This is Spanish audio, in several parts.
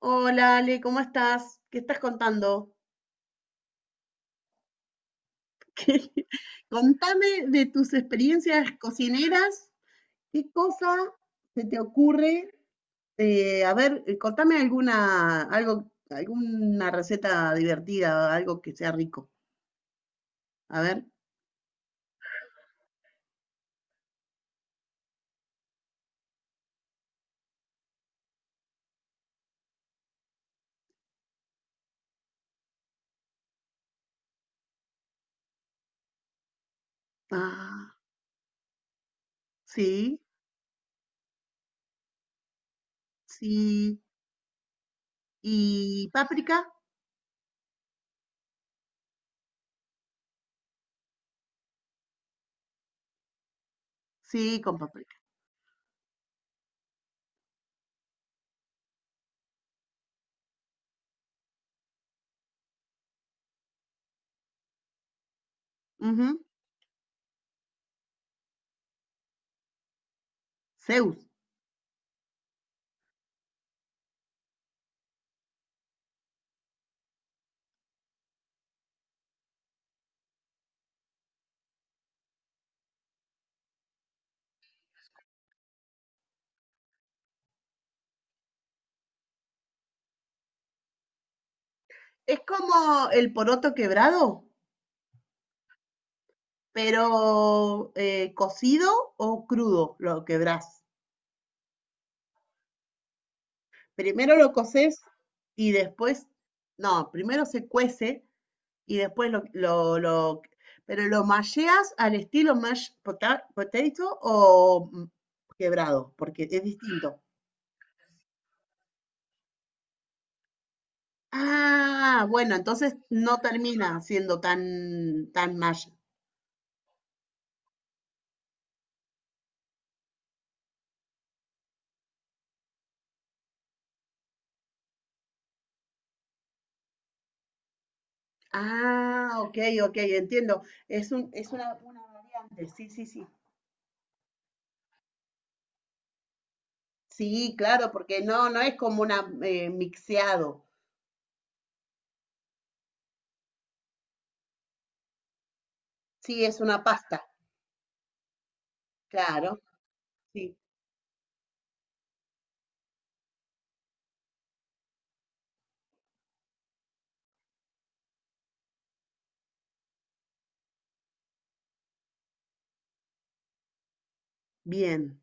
Hola Ale, ¿cómo estás? ¿Qué estás contando? ¿Qué- Contame de tus experiencias cocineras. ¿Qué cosa se te ocurre? Contame alguna receta divertida, algo que sea rico. A ver. Ah, sí, sí. ¿Y páprica? Sí, con páprica. Ujú. Zeus. Es como el poroto quebrado, pero cocido o crudo lo quebrás. Primero lo coces y después, no, primero se cuece y después pero lo malleas al estilo potato o quebrado, porque es distinto. Ah, bueno, entonces no termina siendo tan mash. Ah, ok, ok, entiendo. Es un, es una variante, sí, sí, sí. Sí, claro, porque no, no es como una mixeado. Sí, es una pasta, claro, sí. Bien.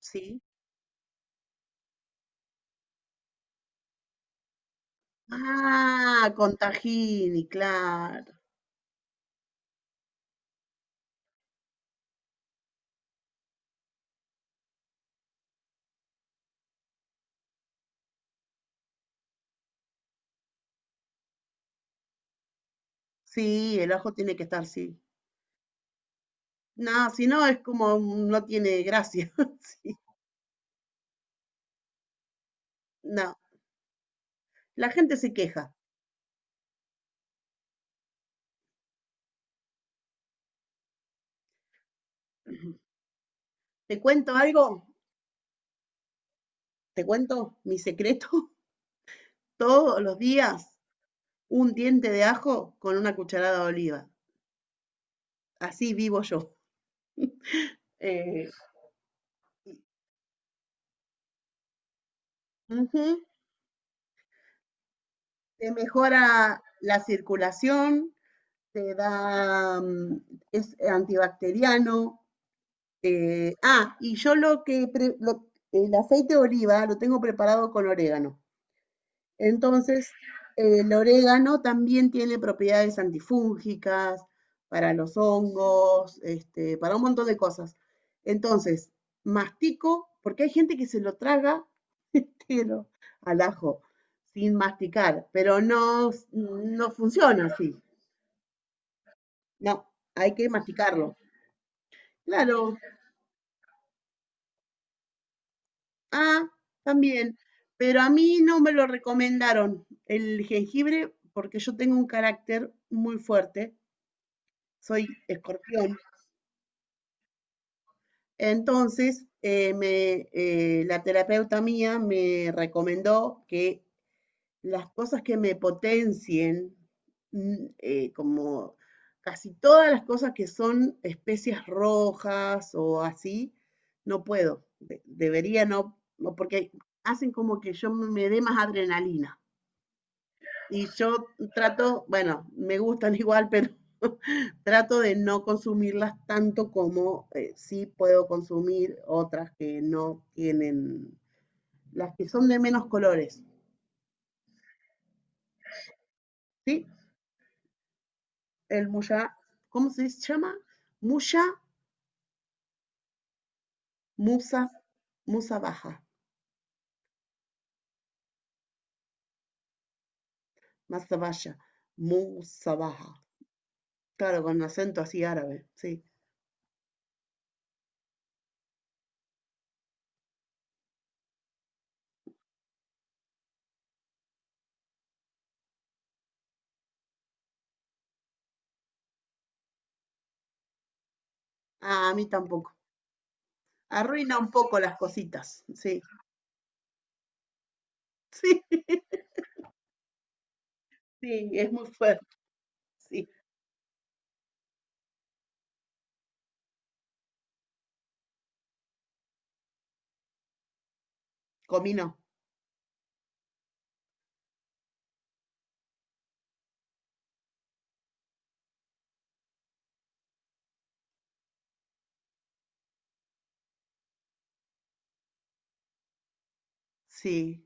Sí. Ah, con tahini, claro. Sí, el ajo tiene que estar, sí. No, si no es como no tiene gracia. Sí, no. La gente se queja. ¿Te cuento algo? ¿Te cuento mi secreto? Todos los días un diente de ajo con una cucharada de oliva. Así vivo yo. Eh, ujú. Te mejora la circulación, te da, es antibacteriano. Y yo lo que el aceite de oliva lo tengo preparado con orégano. Entonces, el orégano también tiene propiedades antifúngicas para los hongos, este, para un montón de cosas. Entonces, mastico, porque hay gente que se lo traga entero al ajo sin masticar, pero no, no funciona así. No, hay que masticarlo. Claro, ah, también, pero a mí no me lo recomendaron el jengibre porque yo tengo un carácter muy fuerte, soy escorpión. Entonces, la terapeuta mía me recomendó que las cosas que me potencien, como casi todas las cosas que son especias rojas o así, no puedo, debería no, no, porque hacen como que yo me dé más adrenalina. Y yo trato, bueno, me gustan igual, pero trato de no consumirlas tanto como sí puedo consumir otras que no tienen, las que son de menos colores, ¿sí? El muya, ¿cómo se llama? Muya, musa, musa baja, masa musa baja. Claro, con acento así árabe, sí. Ah, a mí tampoco. Arruina un poco las cositas, sí. Sí, sí, es muy fuerte, sí. Comino. Sí.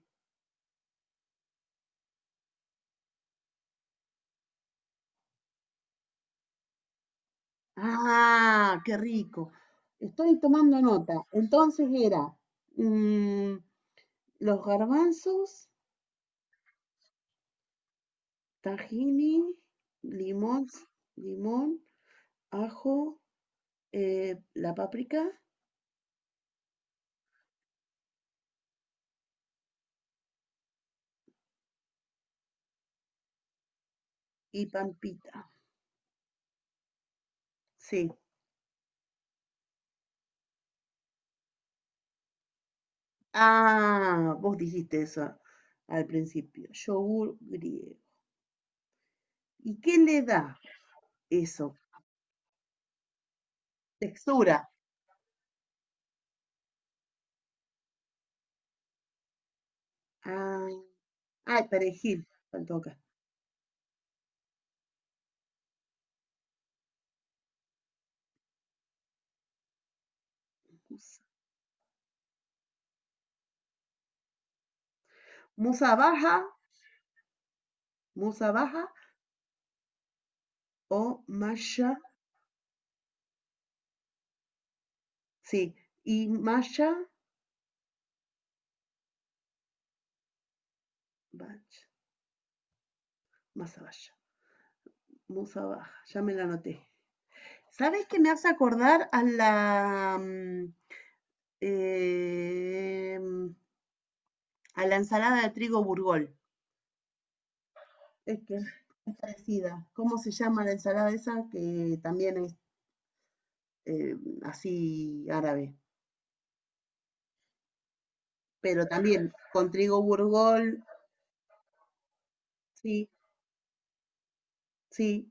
Ah, qué rico. Estoy tomando nota. Entonces era mm, los garbanzos, tahini, limón, limón, ajo, la páprica y pampita. Sí. Ah, vos dijiste eso al principio. Yogur griego. ¿Y qué le da eso? Textura. Ah, ay, perejil. Faltó acá. Musa baja, musa baja, o Masha, sí, y Masha, Masabaya, Musabaja, ya me la anoté. ¿Sabes qué me hace acordar a la, eh, a la ensalada de trigo burgol? Es que es parecida. ¿Cómo se llama la ensalada esa? Que también es eh, así árabe, pero también con trigo burgol, sí, sí.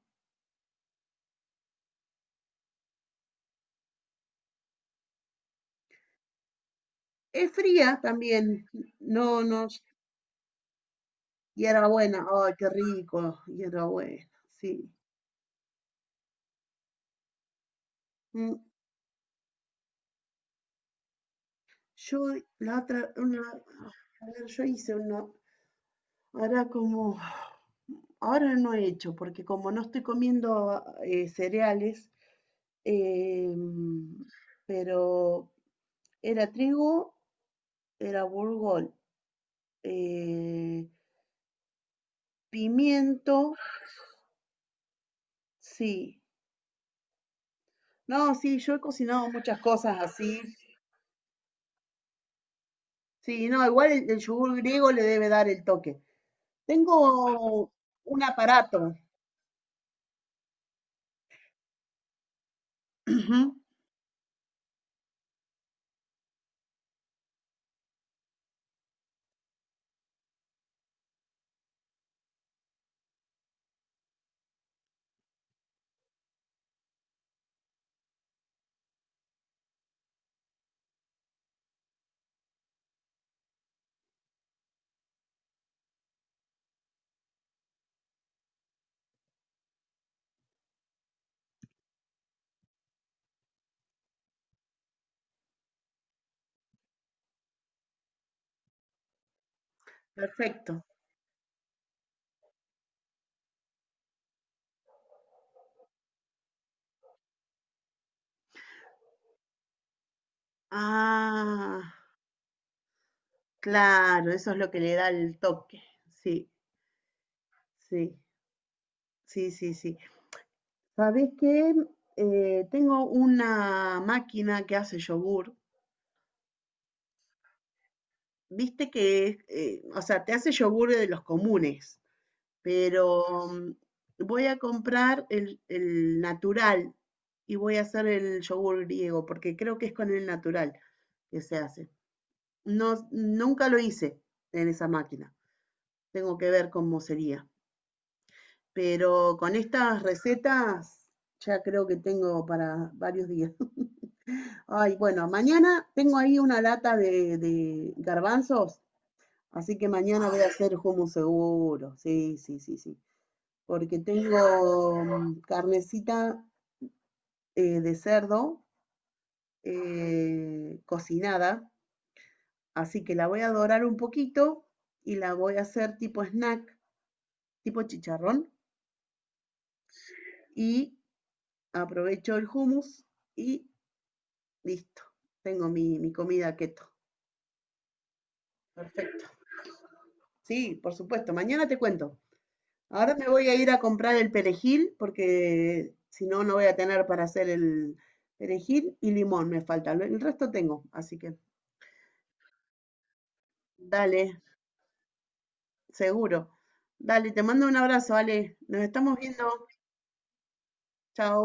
Es fría también, no, no. Hierbabuena, ay, qué rico, hierbabuena, sí. Mm, yo la otra, una, a ver, yo hice uno, ahora como, ahora no he hecho, porque como no estoy comiendo cereales, em, pero era trigo, era burgol, eh, pimiento, sí. No, sí, yo he cocinado muchas cosas así. Sí, no, igual el yogur griego le debe dar el toque. Tengo un aparato. Ujú, perfecto. Ah, claro, eso es lo que le da el toque. Sí, sí, sí, sí, sí. ¿Sabés qué? Tengo una máquina que hace yogur. Viste que, o sea, te hace yogur de los comunes, pero voy a comprar el natural y voy a hacer el yogur griego, porque creo que es con el natural que se hace. No, nunca lo hice en esa máquina. Tengo que ver cómo sería. Pero con estas recetas ya creo que tengo para varios días. Ay, bueno, mañana tengo ahí una lata de garbanzos, así que mañana voy a hacer hummus seguro. Sí, sí, sí, sí. Porque tengo carnecita de cerdo cocinada, así que la voy a dorar un poquito y la voy a hacer tipo snack, tipo chicharrón y aprovecho el hummus y listo. Tengo mi, mi comida keto. Perfecto. Sí, por supuesto. Mañana te cuento. Ahora me voy a ir a comprar el perejil porque si no, no voy a tener para hacer el perejil y limón me falta. El resto tengo, así que dale, seguro. Dale, te mando un abrazo, Ale. Nos estamos viendo. Chao.